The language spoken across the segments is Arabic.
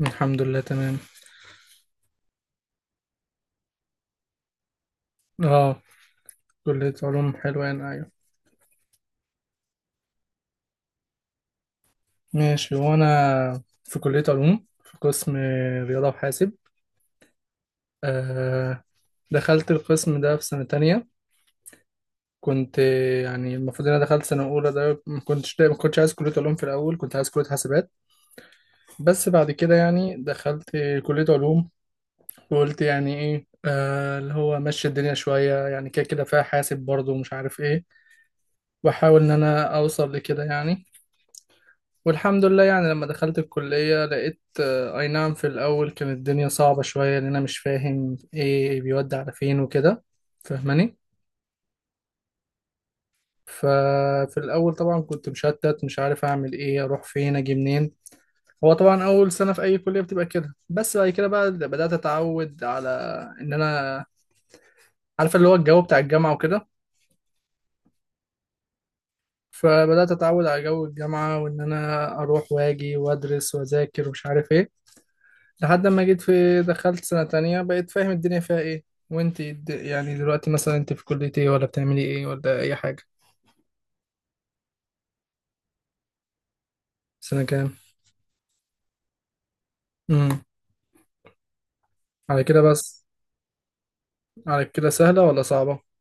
الحمد لله تمام. اه، كلية علوم حلوان، ايوه. ماشي، وانا في كلية علوم في قسم رياضة وحاسب. آه، دخلت القسم ده في سنة تانية. كنت يعني المفروض ان انا دخلت سنة اولى، ده ما كنتش عايز كلية علوم في الاول، كنت عايز كلية حاسبات. بس بعد كده يعني دخلت كلية علوم وقلت يعني ايه اللي هو مشي الدنيا شوية، يعني كده كده فيها حاسب برضه ومش عارف ايه، واحاول ان انا اوصل لكده يعني. والحمد لله، يعني لما دخلت الكلية لقيت أي نعم، في الأول كانت الدنيا صعبة شوية، لأن أنا مش فاهم إيه بيودي على فين وكده. فاهماني؟ ففي الأول طبعا كنت مشتت، مش عارف أعمل إيه، أروح فين، أجي منين. هو طبعا أول سنة في أي كلية بتبقى كده، بس بعد كده بقى بدأت أتعود على إن أنا عارف اللي هو الجو بتاع الجامعة وكده. فبدأت أتعود على جو الجامعة، وإن أنا أروح وأجي وأدرس وأذاكر ومش عارف إيه، لحد ما جيت في دخلت سنة تانية بقيت فاهم الدنيا فيها ايه. وانت يعني دلوقتي مثلا انت في كلية ايه، ولا بتعملي ايه، ولا اي حاجة؟ سنة كام؟ امم، على كده بس. على كده سهلة ولا صعبة؟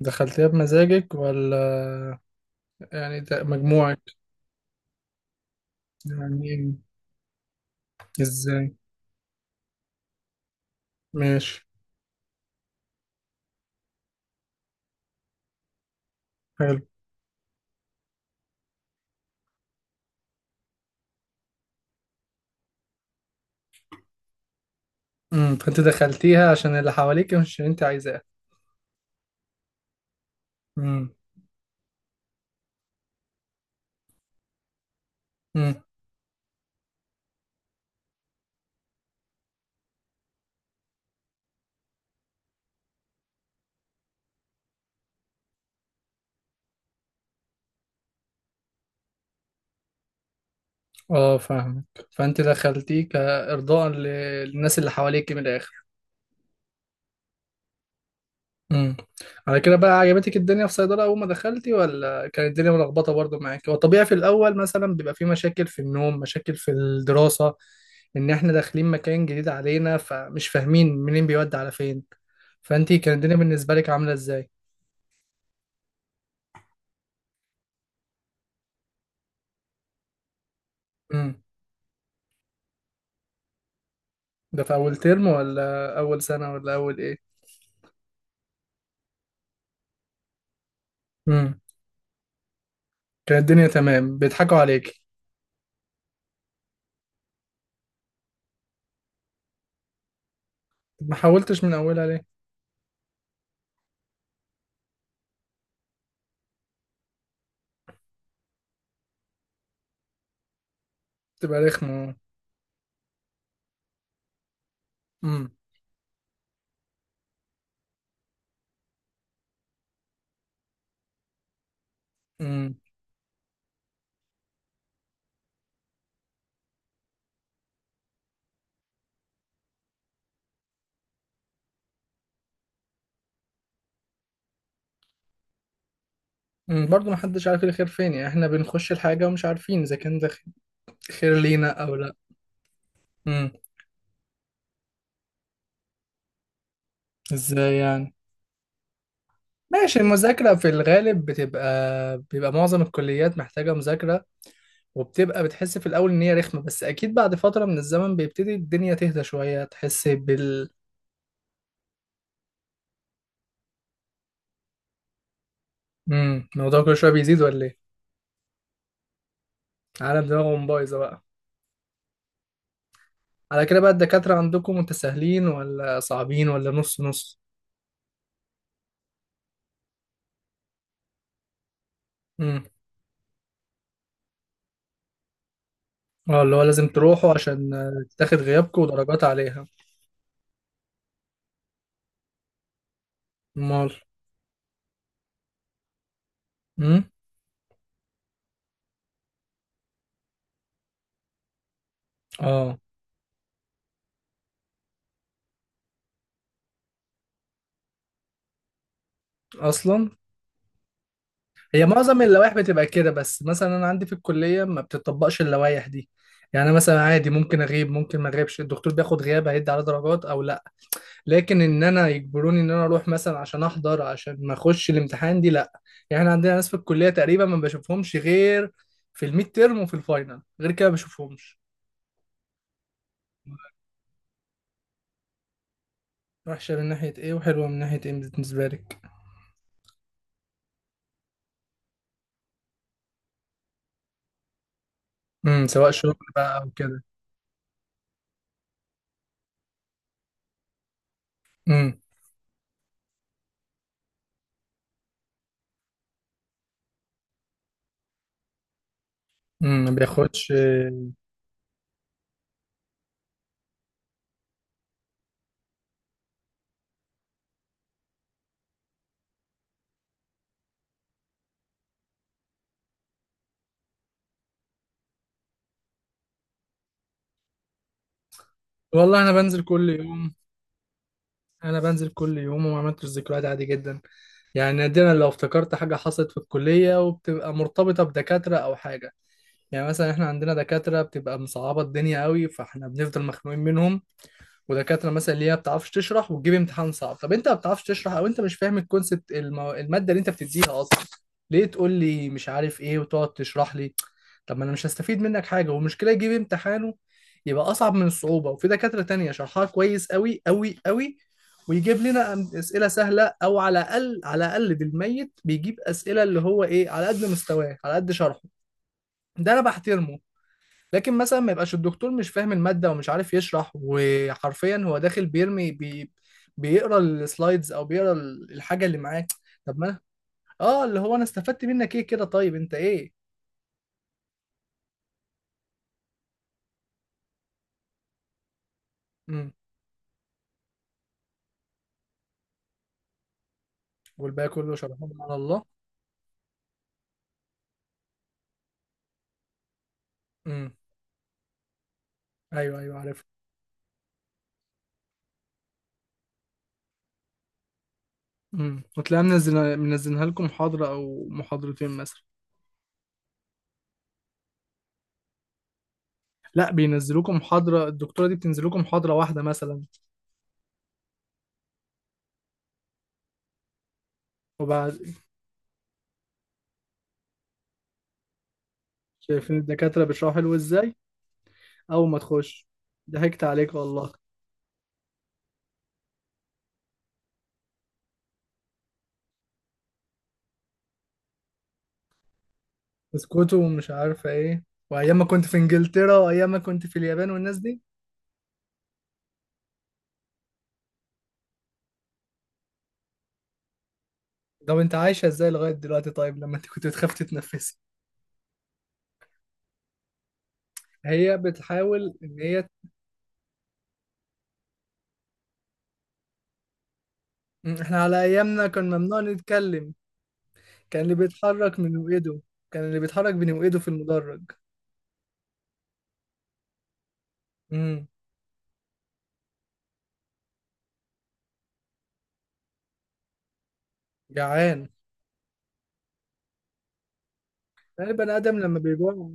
دخلتيها بمزاجك ولا؟ يعني ده مجموعك؟ يعني إيه؟ ازاي؟ ماشي. حلو. امم، فانت دخلتيها عشان اللي حواليك مش اللي انت عايزاه. امم. امم، اه فاهمك. فانت دخلتيه كارضاء للناس اللي حواليك من الاخر. امم، على كده بقى عجبتك الدنيا في صيدلة أول ما دخلتي، ولا كانت الدنيا ملخبطة برضو معاكي؟ هو طبيعي في الأول مثلا بيبقى في مشاكل في النوم، مشاكل في الدراسة، إن إحنا داخلين مكان جديد علينا فمش فاهمين منين بيودي على فين. فأنتي كانت الدنيا بالنسبة لك عاملة إزاي؟ امم، ده في أول ترم ولا أول سنة ولا أول إيه؟ امم، كانت الدنيا تمام، بيضحكوا عليكي؟ طب ما حاولتش من أولها ليه؟ تبقى رخمة. امم. امم، برضه محدش عارف الخير فين، يعني احنا بنخش الحاجة ومش عارفين إذا كان ده خير لينا او لا. امم. ازاي يعني؟ ماشي، المذاكرة في الغالب بتبقى، بيبقى معظم الكليات محتاجة مذاكرة، وبتبقى بتحس في الأول إن هي رخمة، بس أكيد بعد فترة من الزمن بيبتدي الدنيا تهدى شوية، تحس بال... امم، الموضوع كل شوية بيزيد ولا إيه؟ عالم دماغهم بايظة بقى. على كده بقى الدكاترة عندكم متساهلين ولا صعبين ولا نص نص؟ امم. اه اللي هو لازم تروحوا عشان تاخد غيابكم ودرجات عليها. أمال؟ امم. اه. أصلا. هي معظم اللوائح بتبقى كده، بس مثلا انا عندي في الكليه ما بتطبقش اللوائح دي. يعني أنا مثلا عادي ممكن اغيب، ممكن ما اغيبش. الدكتور بياخد غياب هيدي على درجات او لا، لكن ان انا يجبروني ان انا اروح مثلا عشان احضر، عشان ما اخش الامتحان، دي لا. يعني احنا عندنا ناس في الكليه تقريبا ما بشوفهمش غير في الميد تيرم وفي الفاينل، غير كده ما بشوفهمش. وحشه من ناحيه ايه، وحلوه من ناحيه ايه بالنسبه لك؟ امم، سواء شغل بقى او كده. امم. امم، ما بياخدش. والله انا بنزل كل يوم. انا بنزل كل يوم وما عملتش ذكريات، عادي جدا. يعني نادرا لو افتكرت حاجه حصلت في الكليه، وبتبقى مرتبطه بدكاتره او حاجه. يعني مثلا احنا عندنا دكاتره بتبقى مصعبه الدنيا قوي، فاحنا بنفضل مخنوقين منهم. ودكاتره مثلا اللي هي ما بتعرفش تشرح وتجيب امتحان صعب. طب انت ما بتعرفش تشرح، او انت مش فاهم الكونسبت الماده اللي انت بتديها اصلا، ليه تقول لي مش عارف ايه وتقعد تشرح لي؟ طب ما انا مش هستفيد منك حاجه، والمشكله يجيب امتحانه يبقى اصعب من الصعوبه. وفي دكاتره تانية شرحها كويس قوي قوي قوي، ويجيب لنا اسئله سهله، او على الاقل على الاقل بالميت بيجيب اسئله اللي هو ايه، على قد مستواه، على قد شرحه. ده انا بحترمه. لكن مثلا ما يبقاش الدكتور مش فاهم المادة ومش عارف يشرح، وحرفيا هو داخل بيرمي بي، بيقرا السلايدز او بيقرا الحاجة اللي معاه. طب ما أنا- اه اللي هو انا استفدت منك ايه كده، طيب انت ايه. امم. والباقي كله شرحهم على الله. امم. ايوه ايوه عارف. امم، وتلاقيها منزلها لكم محاضرة او محاضرتين مثلا. لا، بينزلوكم محاضرة، الدكتورة دي بتنزلوكم محاضرة واحدة مثلا. وبعد؟ شايفين الدكاترة بيشرحوا حلو ازاي اول ما تخش؟ ضحكت عليك والله. اسكوتو ومش عارفة ايه. وايام ما كنت في انجلترا، وايام ما كنت في اليابان، والناس دي. طب انت عايشة ازاي لغاية دلوقتي طيب، لما انت كنت بتخاف تتنفسي؟ هي بتحاول ان هي... احنا على ايامنا كان ممنوع نتكلم. كان اللي بيتحرك من وايده، كان اللي بيتحرك بين وايده في المدرج. امم. جعان. يعني البني ادم لما بيجوع.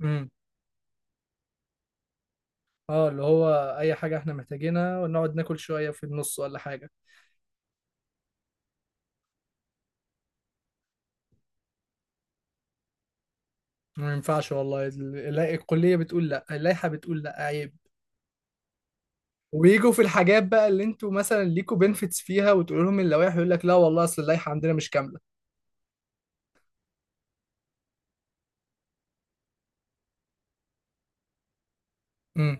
امم، اه اللي هو اي حاجة احنا محتاجينها، ونقعد ناكل شوية في النص ولا حاجة. ما ينفعش والله. الكلية بتقول لا، اللائحة بتقول لا، عيب. ويجوا في الحاجات بقى اللي انتوا مثلا ليكوا بنفيتس فيها، وتقول لهم اللوائح، يقول لك لا. والله اصل اللائحه عندنا مش كامله. امم.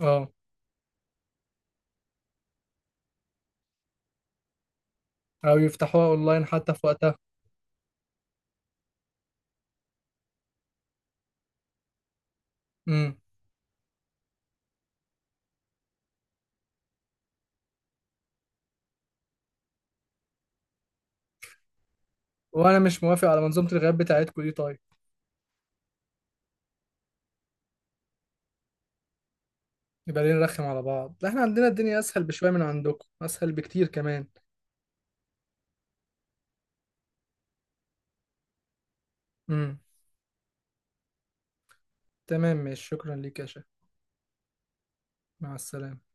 اه. او يفتحوها اونلاين حتى في وقتها. امم. وانا مش موافق على منظومه الغياب بتاعتكم دي، طيب يبقى ليه نرخم على بعض؟ لا احنا عندنا الدنيا اسهل بشويه من عندكم، اسهل بكتير كمان. امم. تمام ماشي، شكرا ليك يا شيخ. مع السلامه.